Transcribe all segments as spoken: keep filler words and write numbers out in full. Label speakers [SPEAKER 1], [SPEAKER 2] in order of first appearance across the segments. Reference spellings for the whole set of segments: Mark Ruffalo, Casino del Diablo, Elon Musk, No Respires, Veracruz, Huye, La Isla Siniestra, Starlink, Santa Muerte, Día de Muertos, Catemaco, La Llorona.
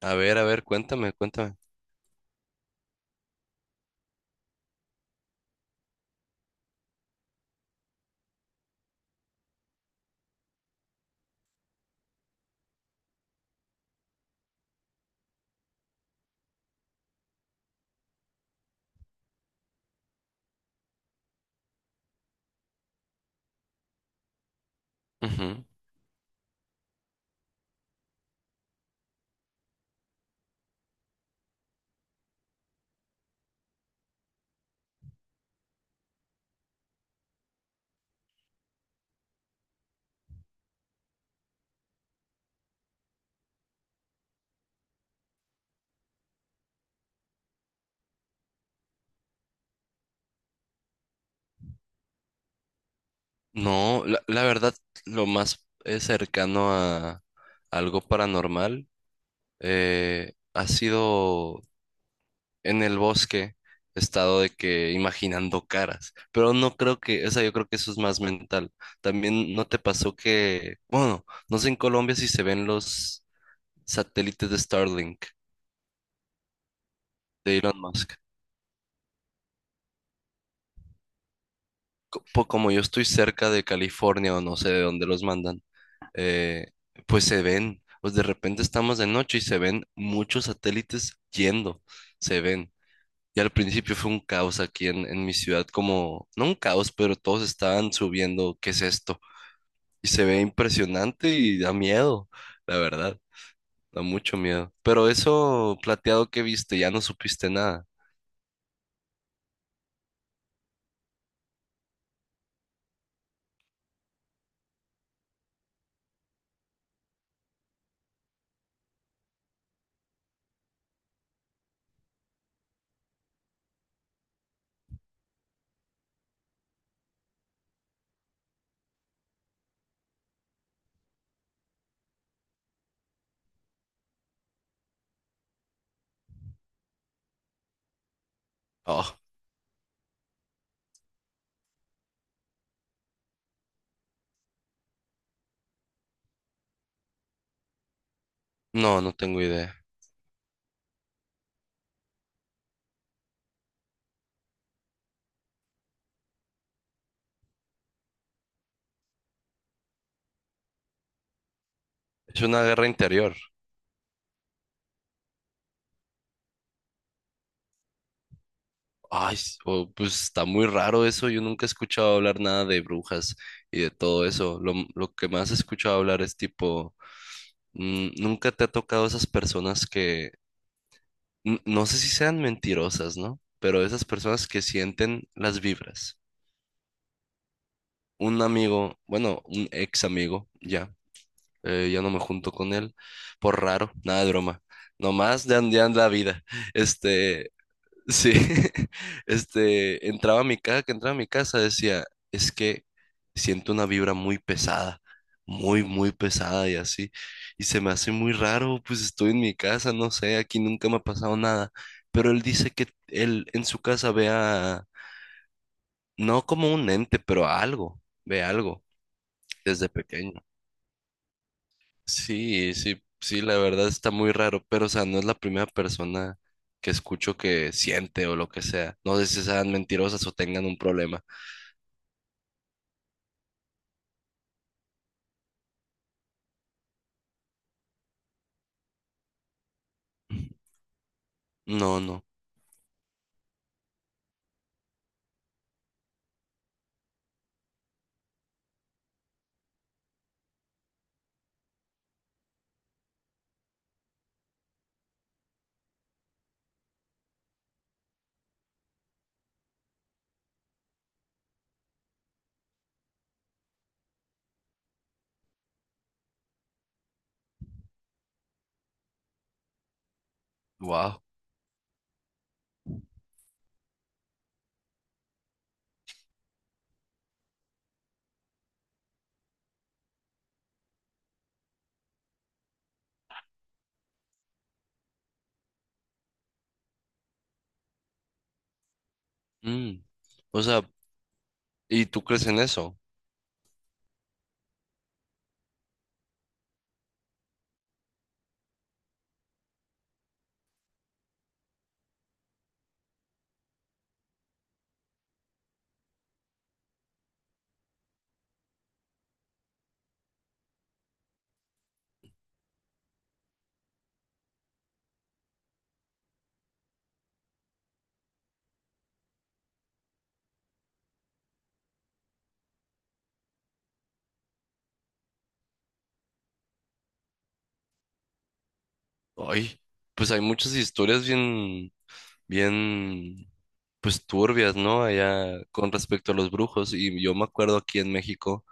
[SPEAKER 1] A ver, a ver, cuéntame, cuéntame. Ujú. No, la, la verdad, lo más eh, cercano a algo paranormal eh, ha sido en el bosque, he estado de que imaginando caras, pero no creo que, o sea, yo creo que eso es más mental. También no te pasó que, bueno, no sé en Colombia si se ven los satélites de Starlink, de Elon Musk. Co- po- Como yo estoy cerca de California o no sé de dónde los mandan. eh, pues se ven, pues de repente estamos de noche y se ven muchos satélites yendo, se ven. Y al principio fue un caos aquí en, en mi ciudad, como, no un caos, pero todos estaban subiendo, ¿qué es esto? Y se ve impresionante y da miedo, la verdad, da mucho miedo. Pero eso plateado que viste, ya no supiste nada. Oh, no, no tengo idea. Es una guerra interior. Ay, s- o- pues está muy raro eso. Yo nunca he escuchado hablar nada de brujas y de todo eso. Lo, m- lo que más he escuchado hablar es tipo, mm, nunca te ha tocado esas personas que, n- no sé si sean mentirosas, ¿no? Pero esas personas que sienten las vibras. Un amigo, bueno, un ex amigo, ya, eh, ya no me junto con él, por raro, nada de broma. Nomás de andean la vida. Este, sí, este, entraba a mi casa, que entraba a mi casa decía, es que siento una vibra muy pesada, muy, muy pesada y así, y se me hace muy raro, pues estoy en mi casa, no sé, aquí nunca me ha pasado nada, pero él dice que él en su casa ve a, no como un ente, pero a algo, ve algo desde pequeño. Sí, sí, sí, la verdad está muy raro, pero o sea, no es la primera persona que escucho que siente o lo que sea. No sé si sean mentirosas o tengan un problema. No, no. Wow. O sea, ¿y tú crees en eso? Ay, pues hay muchas historias bien, bien, pues turbias, ¿no? Allá con respecto a los brujos. Y yo me acuerdo aquí en México,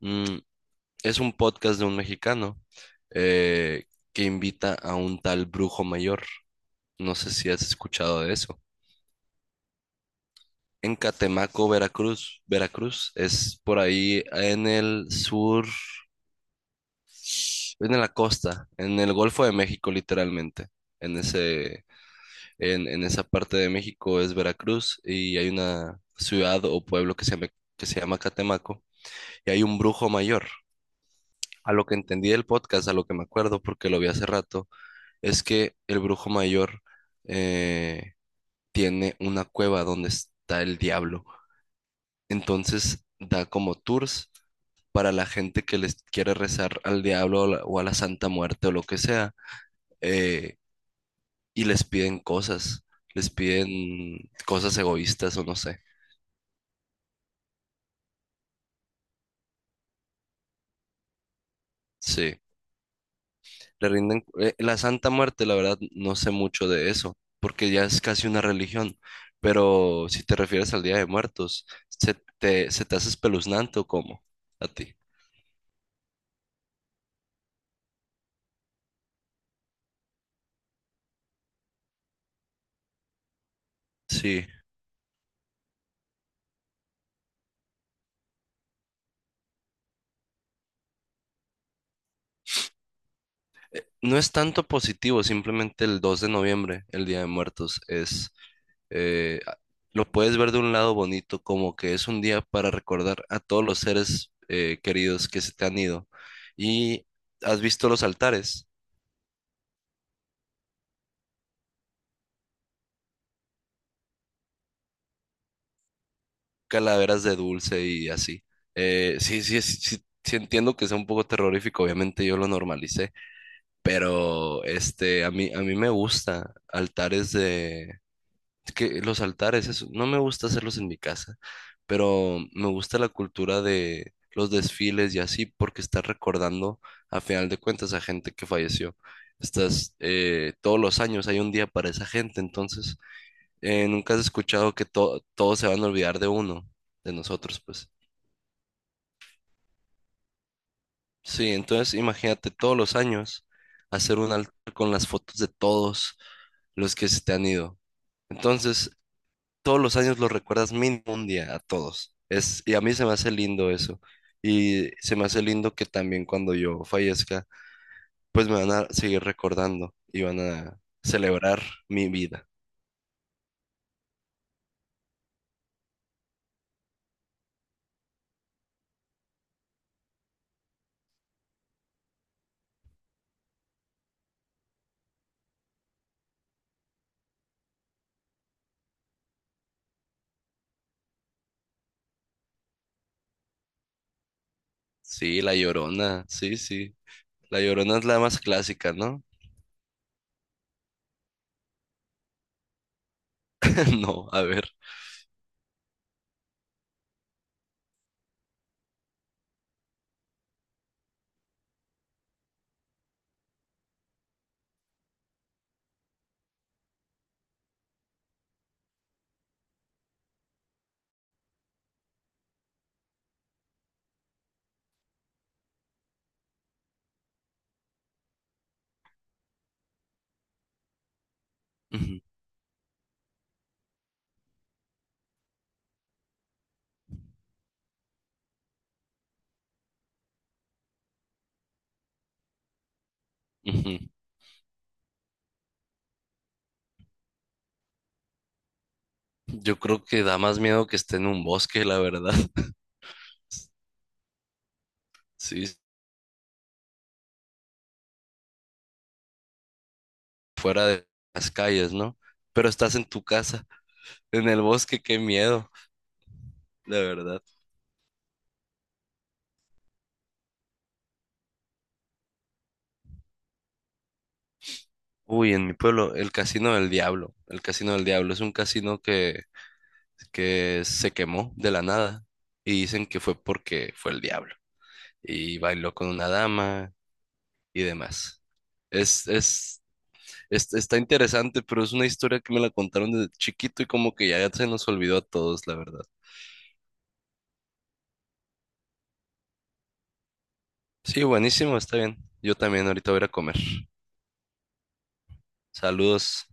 [SPEAKER 1] mm, es un podcast de un mexicano eh, que invita a un tal brujo mayor. No sé si has escuchado de eso. En Catemaco, Veracruz, Veracruz es por ahí en el sur, en la costa, en el Golfo de México, literalmente. En ese, en, en esa parte de México es Veracruz y hay una ciudad o pueblo que se llama, que se llama Catemaco y hay un brujo mayor. A lo que entendí del podcast, a lo que me acuerdo porque lo vi hace rato, es que el brujo mayor eh, tiene una cueva donde está el diablo. Entonces da como tours para la gente que les quiere rezar al diablo o la- o a la Santa Muerte o lo que sea, eh, y les piden cosas, les piden cosas egoístas o no sé. Sí, le rinden... eh, la Santa Muerte, la verdad, no sé mucho de eso, porque ya es casi una religión, pero si te refieres al Día de Muertos, ¿se te, se te hace espeluznante o cómo? A ti. Sí. No es tanto positivo, simplemente el dos de noviembre, el Día de Muertos, es eh, a- lo puedes ver de un lado bonito, como que es un día para recordar a todos los seres eh, queridos que se te han ido. Y has visto los altares, calaveras de dulce y así. Eh, sí, sí, sí, sí, sí, entiendo que sea un poco terrorífico, obviamente yo lo normalicé, pero este, a mí, a mí me gusta altares de es que los altares, eso, no me gusta hacerlos en mi casa, pero me gusta la cultura de los desfiles y así, porque estás recordando a final de cuentas a gente que falleció. Estás, eh, todos los años hay un día para esa gente, entonces eh, nunca has escuchado que to- todos se van a olvidar de uno, de nosotros, pues. Sí, entonces imagínate todos los años hacer un altar con las fotos de todos los que se te han ido. Entonces, todos los años los recuerdas mínimo un día a todos. Es, y a mí se me hace lindo eso. Y se me hace lindo que también cuando yo fallezca, pues me van a seguir recordando y van a celebrar mi vida. Sí, La Llorona, sí, sí. La Llorona es la más clásica, ¿no? No, a ver. Ujú, ujú. Yo creo que da más miedo que esté en un bosque, la verdad. Sí, fuera de las calles, ¿no? Pero estás en tu casa, en el bosque, qué miedo, la verdad. Uy, en mi pueblo, el Casino del Diablo. El Casino del Diablo es un casino que, que se quemó de la nada y dicen que fue porque fue el diablo y bailó con una dama y demás. Es, es, es- Está interesante, pero es una historia que me la contaron desde chiquito y como que ya se nos olvidó a todos, la verdad. Sí, buenísimo, está bien. Yo también ahorita voy a ir a comer. Saludos.